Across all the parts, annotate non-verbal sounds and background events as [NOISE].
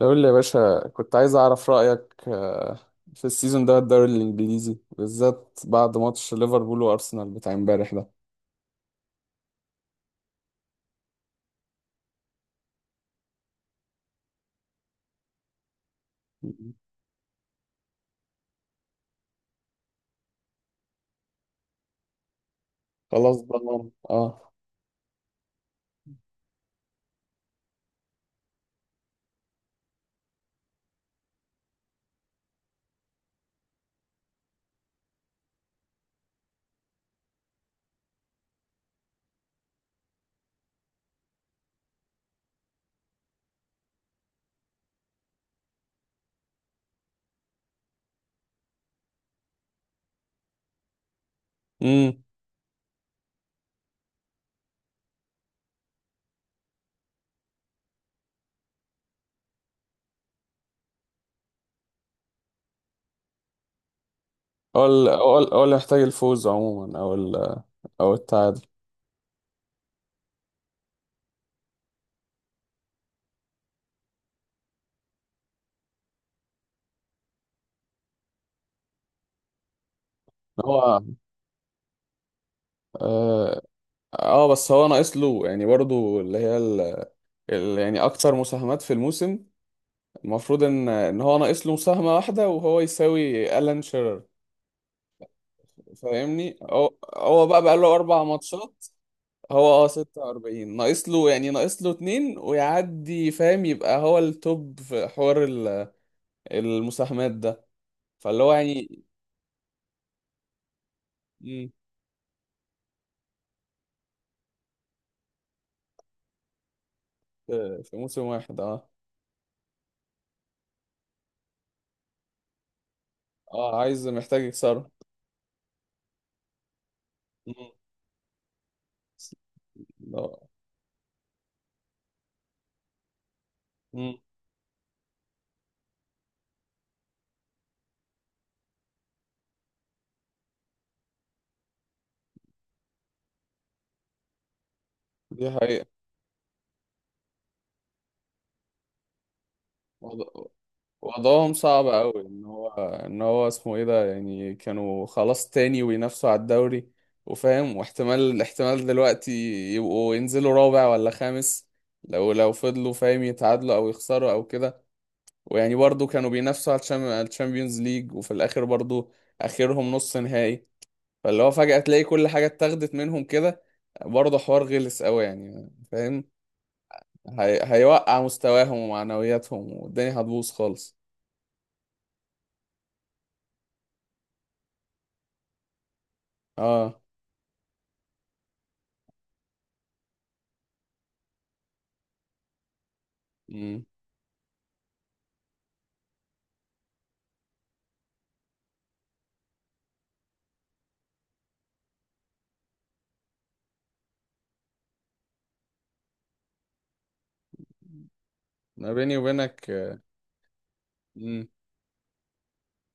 قول لي يا باشا، كنت عايز أعرف رأيك في السيزون ده، الدوري الإنجليزي بالذات، بعد ماتش ليفربول وأرسنال بتاع امبارح ده. خلاص ضمان، اه. امم. هو اللي محتاج الفوز عموما، أو أو التعادل. هو اه بس هو ناقص له، يعني، برضو اللي هي يعني أكتر مساهمات في الموسم. المفروض إن هو ناقص له مساهمة واحدة وهو يساوي ألان شيرر. فاهمني، هو بقى له 4 ماتشات. هو 46 ناقص له، يعني ناقص له اتنين ويعدي، فاهم، يبقى هو التوب في حوار المساهمات ده. فاللي هو، يعني، مم، في موسم واحد، اه. اه، عايز محتاج يكسره. مم. لا. مم. دي حقيقة. وضعهم صعب قوي، ان هو اسمه ايه ده، يعني كانوا خلاص تاني وينافسوا على الدوري، وفاهم، واحتمال احتمال دلوقتي يبقوا ينزلوا رابع ولا خامس. لو فضلوا، فاهم، يتعادلوا او يخسروا او كده. ويعني برضو كانوا بينافسوا على على الشامبيونز ليج، وفي الاخر برضو اخرهم نص نهائي. فاللي هو فجأة تلاقي كل حاجة اتاخدت منهم كده، برضه حوار غلس قوي، يعني، فاهم. هيوقع مستواهم ومعنوياتهم والدنيا هتبوظ خالص. اه، انا بيني وبينك. امم.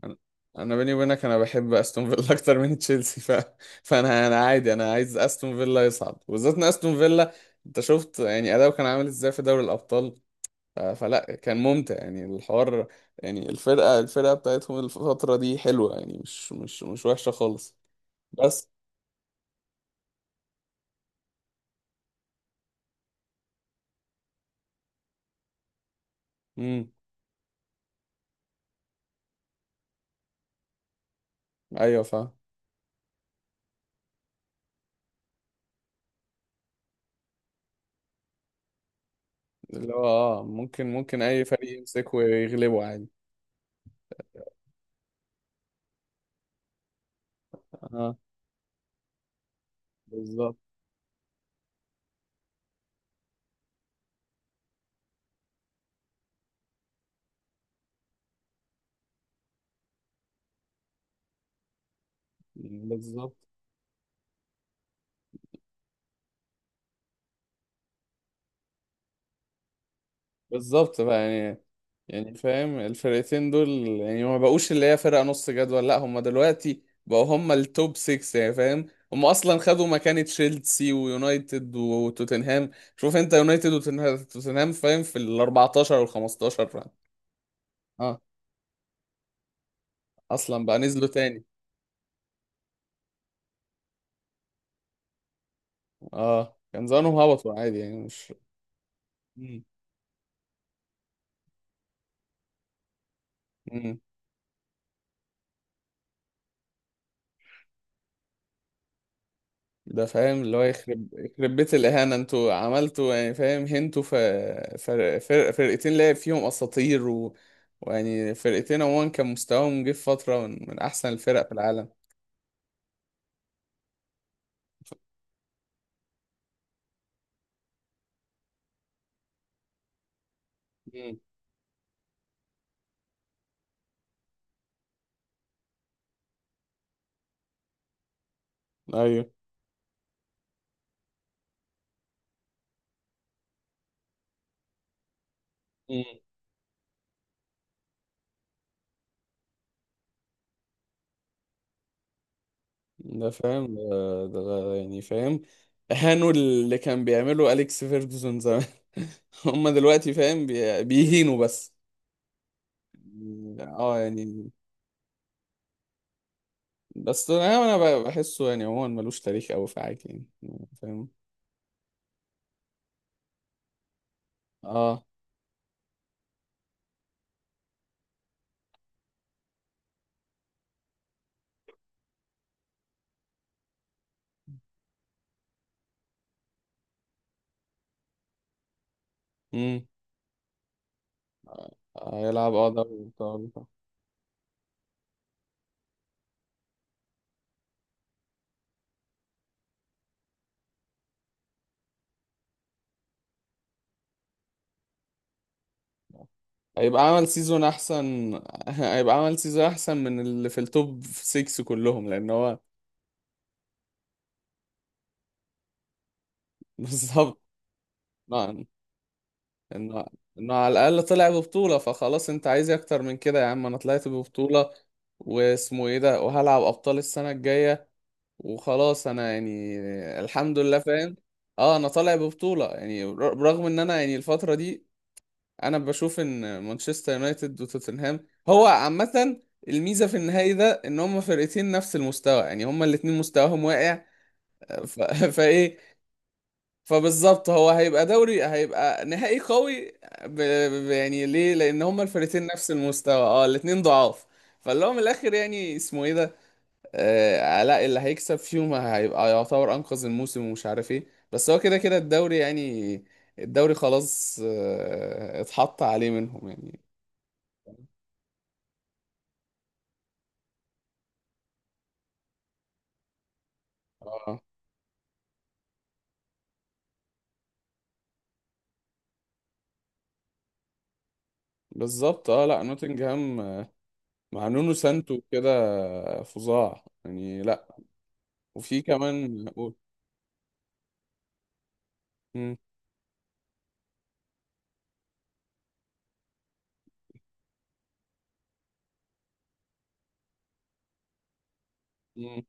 انا بيني وبينك، انا بحب استون فيلا [LAUGHS] اكتر من تشيلسي، فانا عادي، انا عايز استون فيلا يصعد، وبالذات ان استون فيلا انت شفت، يعني، اداؤه كان عامل ازاي في دوري الابطال. فلا، كان ممتع يعني الحوار. يعني الفرقه بتاعتهم الفتره دي حلوه، يعني مش وحشه خالص، بس. امم. ايوه، فاهم. اللي هو، ممكن اي فريق يمسكه ويغلبه عادي. اه، بالظبط، بالظبط، بالظبط. بقى، يعني، فاهم الفرقتين دول، يعني ما بقوش اللي هي فرقة نص جدول، لا، هم دلوقتي بقوا هم التوب 6، يعني، فاهم. هم اصلا خدوا مكان تشيلسي ويونايتد وتوتنهام. شوف انت، يونايتد وتوتنهام، فاهم، في ال 14 وال 15، فاهم؟ اه، اصلا بقى نزلوا تاني. اه، كان زمانهم هبطوا عادي، يعني، مش. مم. ده، فاهم، اللي هو يخرب يخرب بيت الإهانة انتوا عملتوا، يعني، فاهم، هنتوا. فرقتين لعب فيهم أساطير، ويعني فرقتين عموما كان مستواهم جه في فترة من أحسن الفرق في العالم. مم. أيوه. مم. ده، فاهم. ده، يعني، فاهم. أهانوا اللي كان بيعمله أليكس فيرجسون زمان. [LAUGHS] هما دلوقتي، فاهم، بيهينوا بس. اه، يعني، بس انا بحسه، يعني، عموما ملوش تاريخ قوي في حاجه، يعني، فاهم. اه. امم. هيلعب دوري الابطال. هيبقى عمل سيزون احسن [LAUGHS] هيبقى عمل سيزون احسن من اللي في التوب 6 كلهم، لان هو. [LAUGHS] بالظبط. نعم. انه انه على الاقل طلع ببطولة، فخلاص، انت عايز إيه اكتر من كده يا عم، انا طلعت ببطولة واسمه ايه ده، وهلعب ابطال السنة الجاية، وخلاص انا، يعني، الحمد لله، فاهم. اه، انا طالع ببطولة، يعني، برغم ان انا، يعني، الفترة دي انا بشوف ان مانشستر يونايتد وتوتنهام هو عامه. الميزه في النهائي ده ان هما فرقتين نفس المستوى، يعني هما الاتنين مستواهم واقع. ف... [LAUGHS] فايه. فبالظبط، هو هيبقى نهائي قوي. ب... يعني ليه؟ لان هما الفرقتين نفس المستوى، اه الاتنين ضعاف. فاللي هو من الاخر، يعني، اسمه ايه ده، علاء، اللي هيكسب فيهم هيبقى يعتبر انقذ الموسم ومش عارف ايه. بس هو كده كده الدوري، يعني، الدوري خلاص، اتحط عليه منهم، يعني. اه، بالظبط. اه، لا، نوتنجهام مع نونو سانتو كده فظاع، يعني، لا. وفي كمان قول. مم، مم،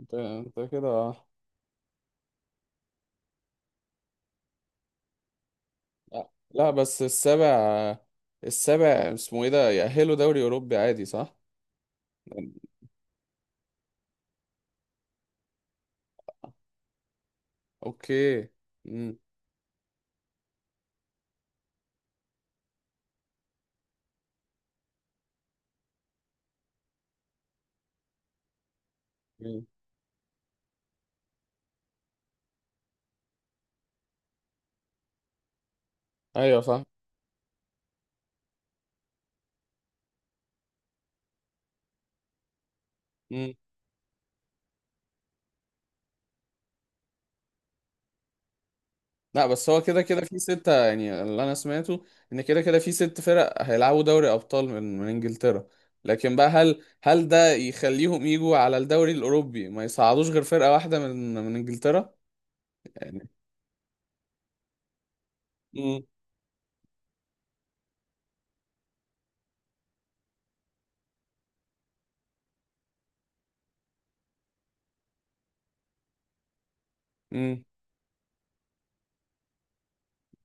انت كده. لا، لا، بس السابع، السابع اسمه ايه ده يأهله دوري اوروبي عادي، صح؟ اوكي. مم. مم. ايوه، صح. لا، بس هو كده كده في 6، يعني اللي أنا سمعته إن كده كده في 6 فرق هيلعبوا دوري أبطال من إنجلترا. لكن بقى، هل ده يخليهم يجوا على الدوري الأوروبي ما يصعدوش غير فرقة واحدة من إنجلترا؟ يعني. امم. امم.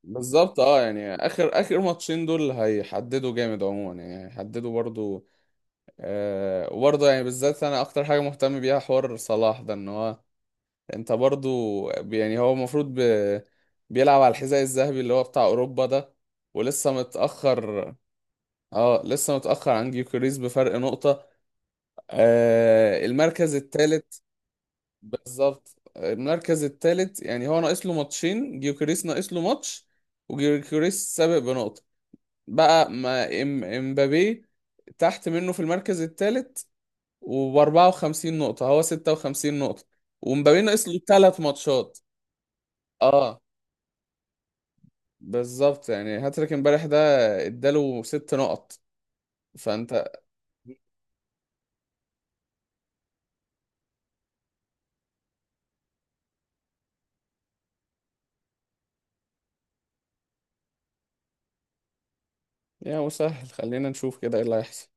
بالظبط. اه، يعني، آخر آخر ماتشين دول هيحددوا جامد عموما، يعني هيحددوا برضو. آه، وبرضو، يعني، بالذات أنا أكتر حاجة مهتم بيها حوار صلاح ده، إن هو انت برضو، يعني، هو المفروض بيلعب على الحذاء الذهبي اللي هو بتاع اوروبا ده، ولسه متأخر. اه، لسه متأخر عن جيوكريس بفرق نقطة. آه، المركز الثالث. بالظبط، المركز الثالث، يعني هو ناقص له ماتشين، جيوكريس ناقص له ماتش، وجيوكريس سابق بنقطة. بقى ما امبابي تحت منه في المركز الثالث، وب 54 نقطة، هو 56 نقطة، ومبابي ناقص له 3 ماتشات. اه، بالظبط، يعني هاتريك امبارح ده اداله 6 نقط. فانت. يا مسهل، خلينا نشوف كده ايه اللي هيحصل.